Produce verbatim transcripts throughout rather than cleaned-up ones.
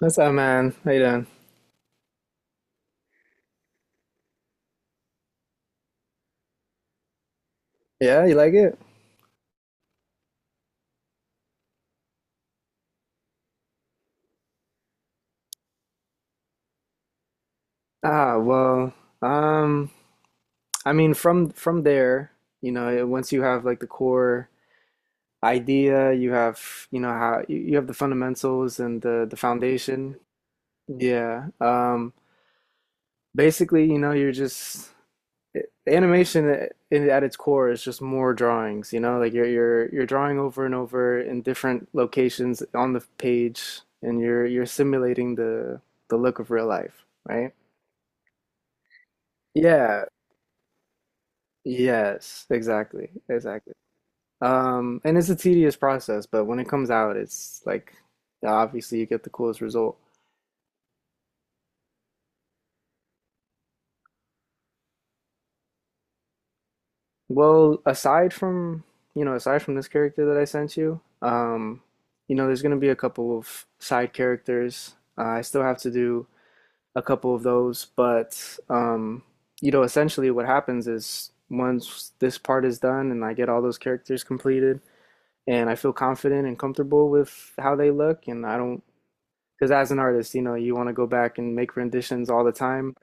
What's up, man? How you doing? Yeah, you like it? Ah, well, um, I mean, from from there, you know, it- once you have like the core idea, you have, you know, how you you have the fundamentals and the the foundation. Yeah. Um, basically, you know, you're just it- animation at at its core is just more drawings, you know, like you're you're you're drawing over and over in different locations on the page, and you're you're simulating the the look of real life, right? Yeah. Yes, exactly, exactly. Um, and it's a tedious process, but when it comes out, it's like obviously you get the coolest result. Well, aside from, you know, aside from this character that I sent you, um, you know, there's gonna be a couple of side characters. Uh, I still have to do a couple of those, but um, you know, essentially what happens is once this part is done and I get all those characters completed, and I feel confident and comfortable with how they look, and I don't because as an artist, you know, you want to go back and make renditions all the time.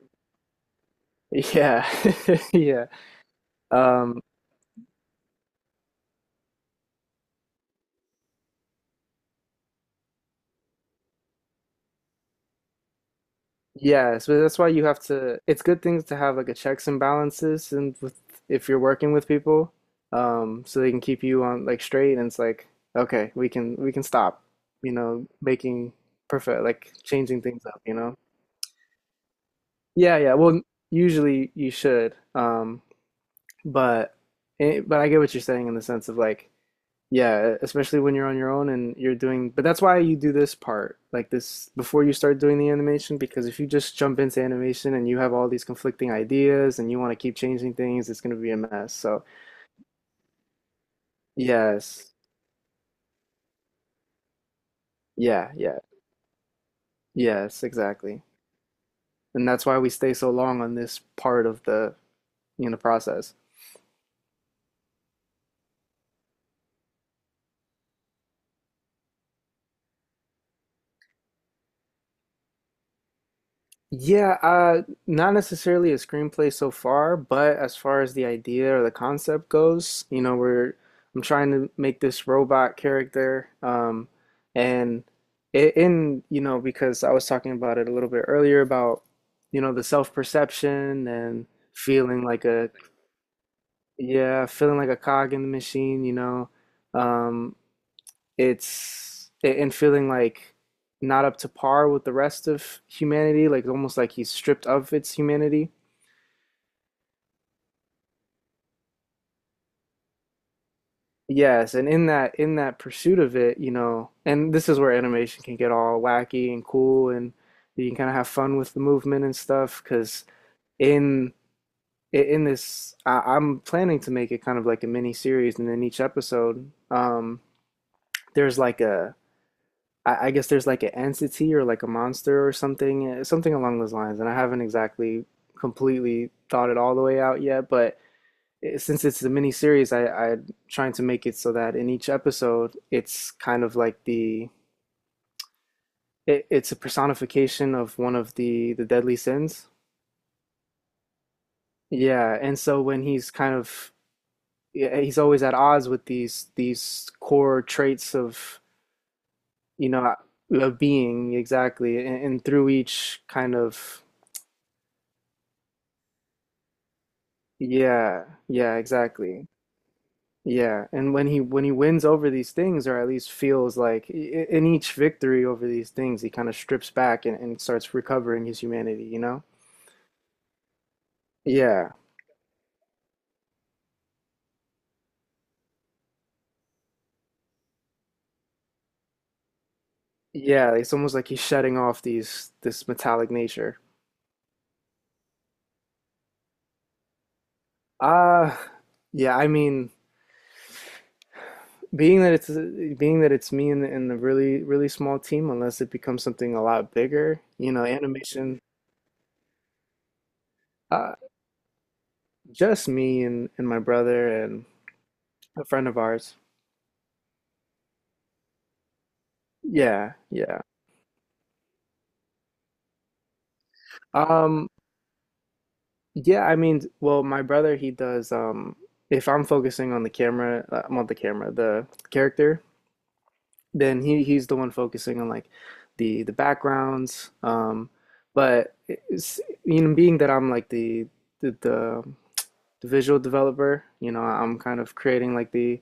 Yeah. Yeah. Um, yeah, so that's why you have to it's good things to have like a checks and balances, and with if you're working with people, um, so they can keep you on like straight and it's like, okay, we can we can stop, you know, making perfect like changing things up, you know? Yeah, yeah. Well, usually you should. Um, but eh, but I get what you're saying in the sense of like yeah, especially when you're on your own and you're doing, but that's why you do this part, like this, before you start doing the animation, because if you just jump into animation and you have all these conflicting ideas and you want to keep changing things, it's going to be a mess. So, yes, yeah, yeah, yes, exactly. And that's why we stay so long on this part of the, you know, process. Yeah, uh, not necessarily a screenplay so far, but as far as the idea or the concept goes, you know, we're I'm trying to make this robot character, um, and it, in you know because I was talking about it a little bit earlier about you know the self-perception and feeling like a yeah feeling like a cog in the machine, you know, um, it's and feeling like not up to par with the rest of humanity, like almost like he's stripped of its humanity. Yes, and in that in that pursuit of it, you know, and this is where animation can get all wacky and cool and you can kind of have fun with the movement and stuff because in in this I, I'm planning to make it kind of like a mini series, and then each episode um there's like a I, I guess there's like an entity or like a monster or something, uh, something along those lines. And I haven't exactly completely thought it all the way out yet, but it- since it's a mini series, I, I'm trying to make it so that in each episode, it's kind of like the it, it's a personification of one of the the deadly sins. Yeah, and so when he's kind of yeah, he's always at odds with these these core traits of you know a being exactly, and, and through each kind of yeah, yeah, exactly. Yeah, and when he when he wins over these things, or at least feels like i- i- in each victory over these things, he kind of strips back, and, and starts recovering his humanity, you know? Yeah, yeah, it's almost like he's shedding off these this metallic nature. Uh, yeah, I mean, being that it's being that it's me and and a really really small team, unless it becomes something a lot bigger, you know, animation, uh, just me and and my brother and a friend of ours. Yeah, yeah. Um, yeah, I mean, well, my brother, he does, um, if I'm focusing on the camera, uh, I'm on the camera, the character, then he he's the one focusing on like the the backgrounds. Um, but it's, you know, being that I'm like the the, the the visual developer, you know, I'm kind of creating like the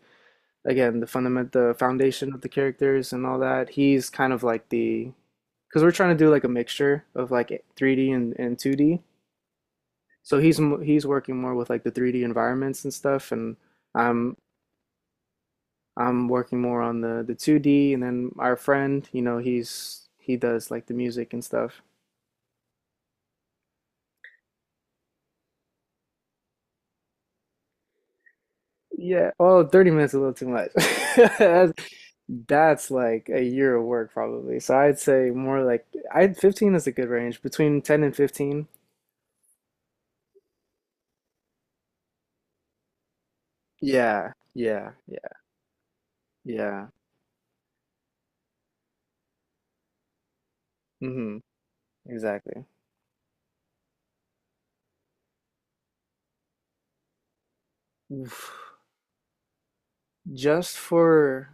again the fundament the foundation of the characters and all that. He's kind of like the because we're trying to do like a mixture of like three D and, and two D. So he's m- he's working more with like the three D environments and stuff, and I'm I'm working more on the the two D, and then our friend, you know, he's he does like the music and stuff. Yeah. Oh, thirty minutes is a little too much. That's, that's like a year of work probably. So I'd say more like I fifteen is a good range between ten and fifteen. Yeah. Yeah. Yeah. Yeah. Hmm. Exactly. Oof. Just for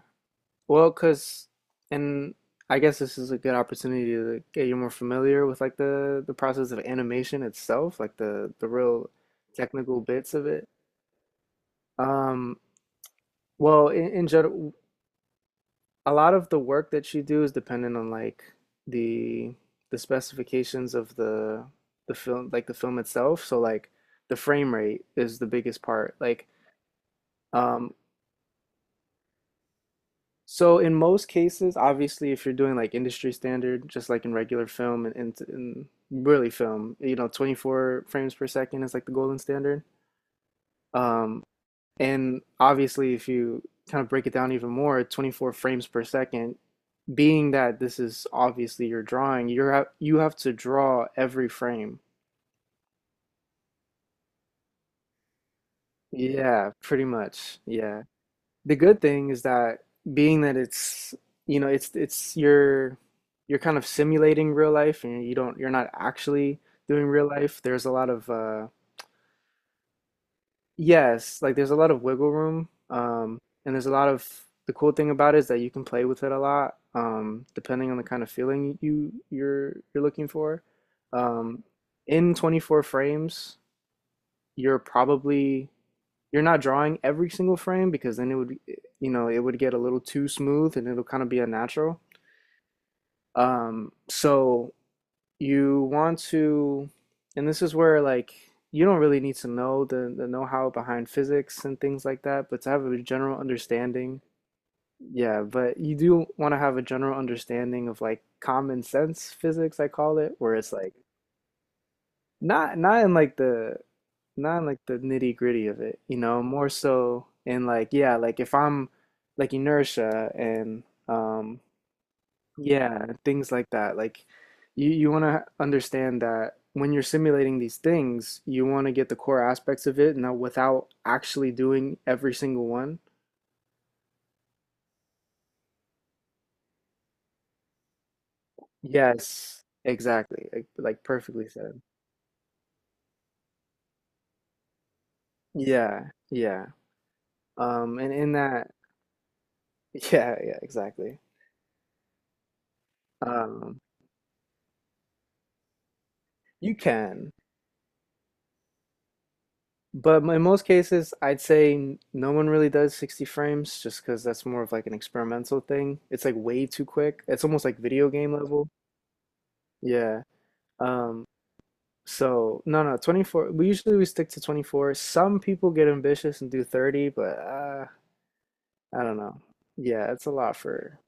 Well, cause, and I guess this is a good opportunity to get you more familiar with like the the process of animation itself, like the the real technical bits of it. Um, well, in, in general, a lot of the work that you do is dependent on like the the specifications of the the film, like the film itself. So like the frame rate is the biggest part. Like um, so in most cases, obviously, if you're doing like industry standard, just like in regular film and, and, and really film, you know, twenty-four frames per second is like the golden standard. Um, and obviously, if you kind of break it down even more, twenty-four frames per second, being that this is obviously your drawing, you're ha you have to draw every frame. Yeah, pretty much. Yeah. The good thing is that being that it's, you know, it's it's your you're kind of simulating real life, and you don't you're not actually doing real life. There's a lot of uh yes, like there's a lot of wiggle room, um and there's a lot of the cool thing about it is that you can play with it a lot, um depending on the kind of feeling you you're you're looking for, um in twenty-four frames you're probably you're not drawing every single frame because then it would you know it would get a little too smooth and it'll kind of be unnatural, um so you want to and this is where like you don't really need to know the the know-how behind physics and things like that but to have a general understanding. Yeah, but you do want to have a general understanding of like common sense physics I call it where it's like not not in like the not in like the nitty gritty of it, you know, more so in like yeah, like if I'm like inertia and um yeah, and things like that. Like you you want to understand that when you're simulating these things, you want to get the core aspects of it now without actually doing every single one. Yes, exactly. Like, like perfectly said. Yeah, yeah. Um, and in that, yeah, yeah, exactly. Um, you can. But in most cases, I'd say no one really does sixty frames just because that's more of like an experimental thing. It's like way too quick. It's almost like video game level. Yeah. Um, so no, no, twenty-four. We usually we stick to twenty-four. Some people get ambitious and do thirty, but uh, I don't know. Yeah, it's a lot for.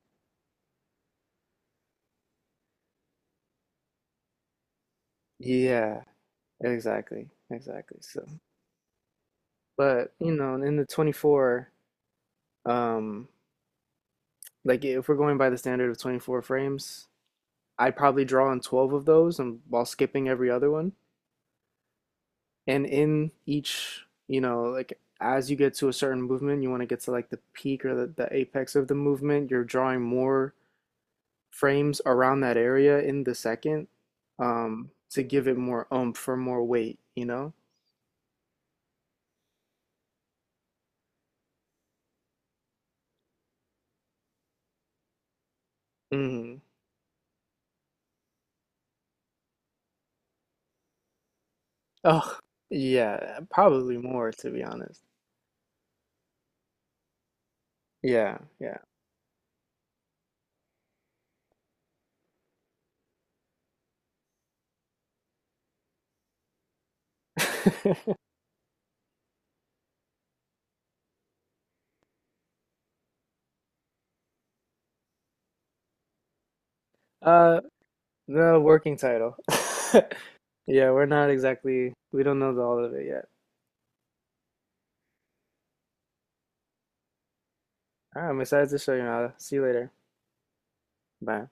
Yeah, exactly. Exactly. So, but you know, in the twenty-four, um, like if we're going by the standard of twenty-four frames, I probably draw on twelve of those and while skipping every other one. And in each, you know, like as you get to a certain movement, you want to get to like the peak or the, the apex of the movement, you're drawing more frames around that area in the second, um, to give it more oomph or more weight, you know? Hmm. Oh, yeah, probably more to be honest. Yeah, yeah. Uh, no, working title. Yeah, we're not exactly, we don't know all of it yet. All right, I'm excited to show you, now. See you later. Bye.